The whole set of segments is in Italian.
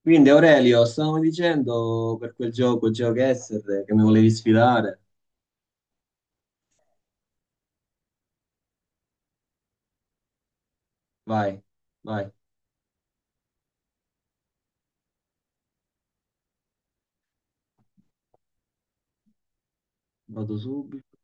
Quindi Aurelio, stavamo dicendo per quel gioco GeoGuessr che mi volevi sfidare. Vai, vai, vado subito.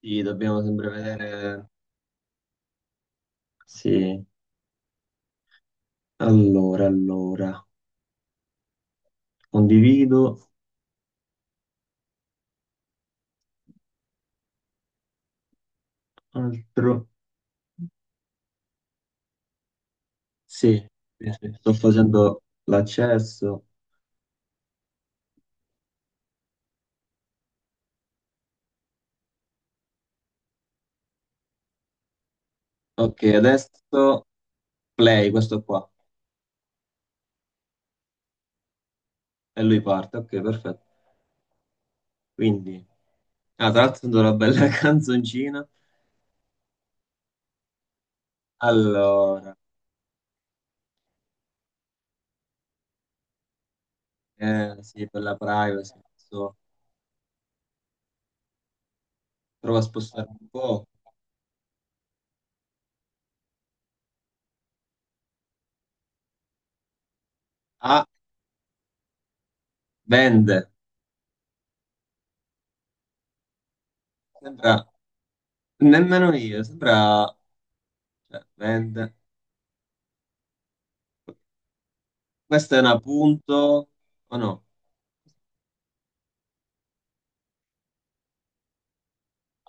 Sì, dobbiamo sempre vedere. Sì, allora, condivido, altro. Sì, sì, sì, sto facendo l'accesso. Ok, adesso play, questo qua. E lui parte, ok, perfetto. Quindi, ah, tra l'altro sento una bella canzoncina. Allora, sì, per la privacy. Prova a spostare un po'. Ah, vende. Sembra, nemmeno io, sembra, cioè, vende. Questa è una punto, o no?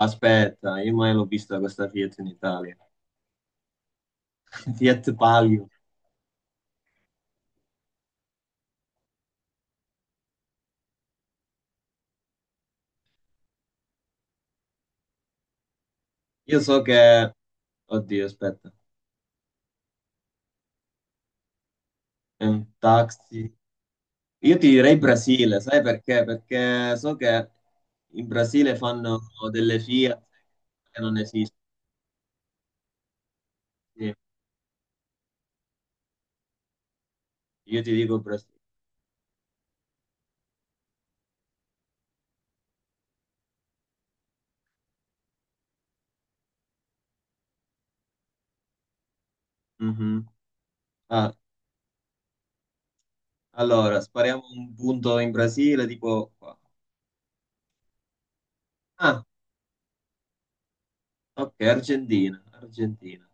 Aspetta, io mai l'ho vista questa Fiat in Italia. Fiat Palio. Io so che, oddio, aspetta, è un taxi. Io ti direi Brasile, sai perché? Perché so che in Brasile fanno delle Fiat che non esistono. Sì, io ti dico Brasile. Mhm. Ah, allora, spariamo un punto in Brasile, tipo qua. Ah, ok, Argentina, Argentina.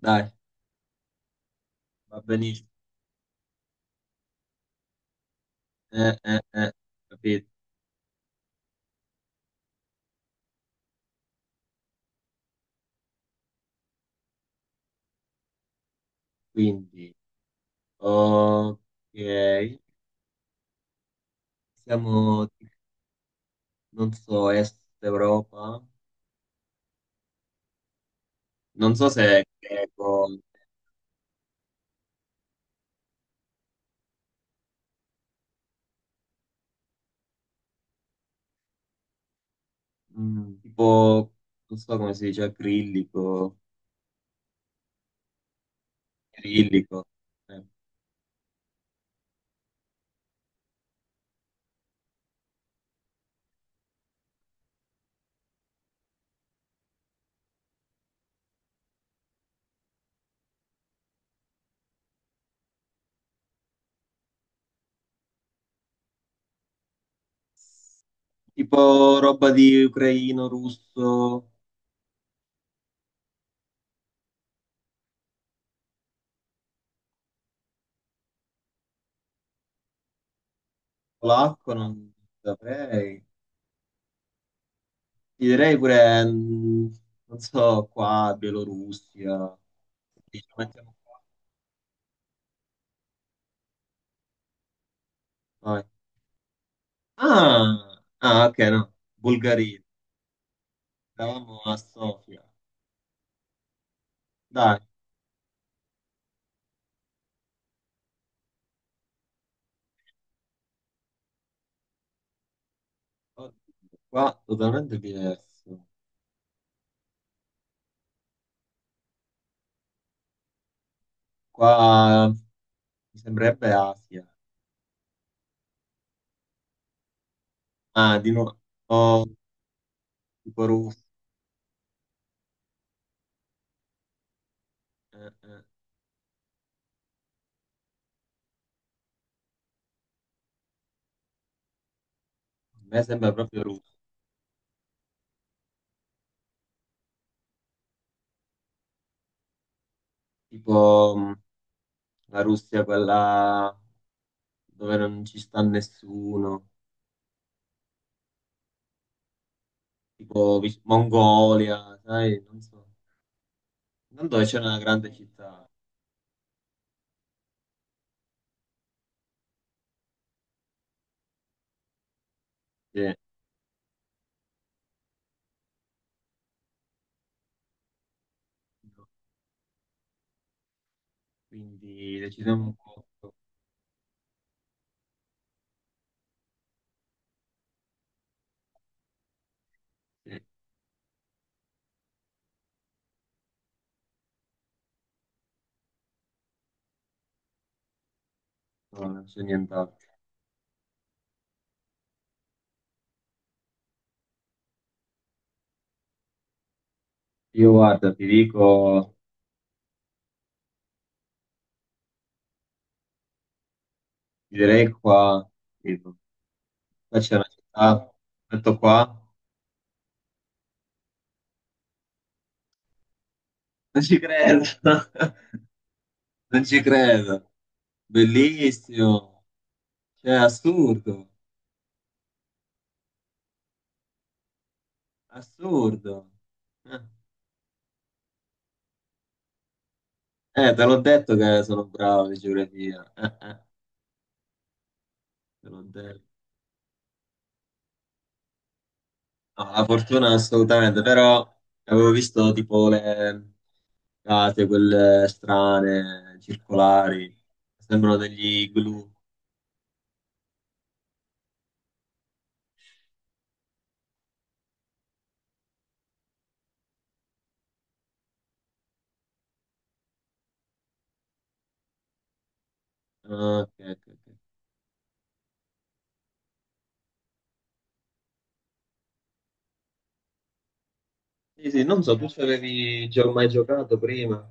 Dai, va benissimo. Eh, eh, eh, capito? Quindi, ok, siamo, non so, Est Europa. Non so se è greco, tipo, non so come si dice, acrilico, cirillico. Eh. Tipo roba di ucraino, russo, polacco, non saprei. Ti direi pure, mm, non so, qua, Bielorussia. Dici, mettiamo qua. Vai. Ah, ah, ok, no. Bulgaria. Eravamo a Sofia. Dai, qua totalmente diverso. Qua mi sembrerebbe Asia. Ah, di nuovo. Oh, tipo Russia. Eh, eh. A me sembra proprio Russia. Tipo la Russia, quella dove non ci sta nessuno. Tipo Mongolia, sai, non so. Andò c'è una grande città, sì. Quindi decidiamo un po'. Sì. No, non c'è nient'altro. Io guarda, ti dico, ti direi qua, tipo, qua c'è una città, metto qua, non ci credo, non ci credo, bellissimo, cioè assurdo, assurdo. Eh, te l'ho detto che sono bravo di geografia, te l'ho detto. No, la fortuna assolutamente, però avevo visto tipo le date, quelle strane, circolari, sembrano degli igloo. Ah, ok, ok, ok. Sì, sì, non so, tu ci avevi già mai giocato prima?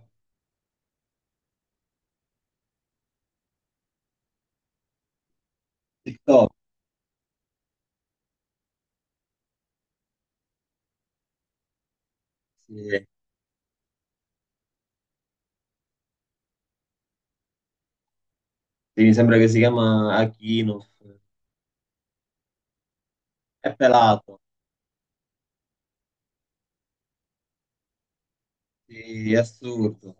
TikTok, sì. Sì, mi sembra che si chiama Akinoff. È pelato, sì, è assurdo.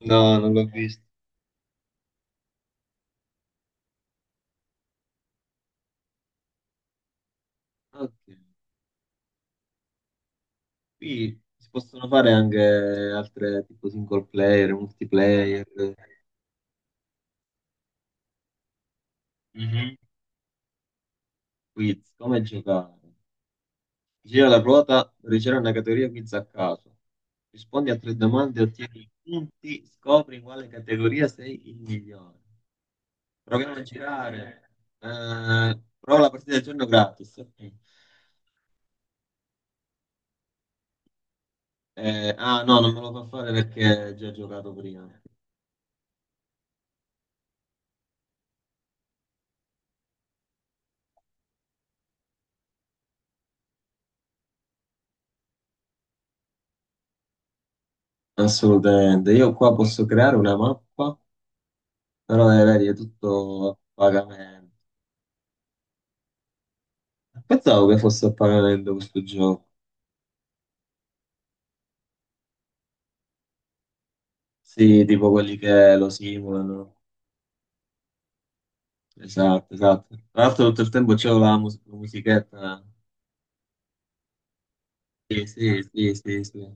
No, non l'ho visto. Ok. Qui si possono fare anche altre tipo single player, multiplayer. Mhm. Quiz, come giocare? Gira la ruota, riceve una categoria quiz a caso. Rispondi a tre domande e ottieni i punti. Scopri in quale categoria sei il migliore. Proviamo a girare. Prova la partita del giorno gratis. Ok. Ah no, non me lo fa fare perché già ho già giocato prima. Assolutamente. Io qua posso creare una mappa, però vedi, è tutto a pagamento. Pensavo che fosse a pagamento questo gioco. Sì, tipo quelli che lo simulano. Esatto, esatto. Tra l'altro tutto il tempo c'è la, la musichetta. Sì, sì, sì, sì, sì.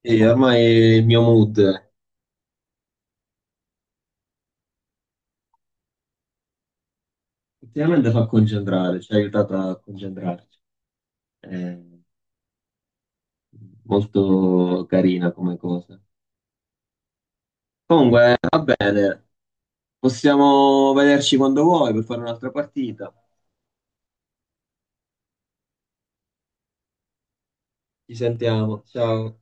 Sì, ormai il mio mood ultimamente fa concentrare, ci ha aiutato a concentrarci. È molto carina come cosa. Comunque, va bene, possiamo vederci quando vuoi per fare un'altra partita. Ci sentiamo, ciao.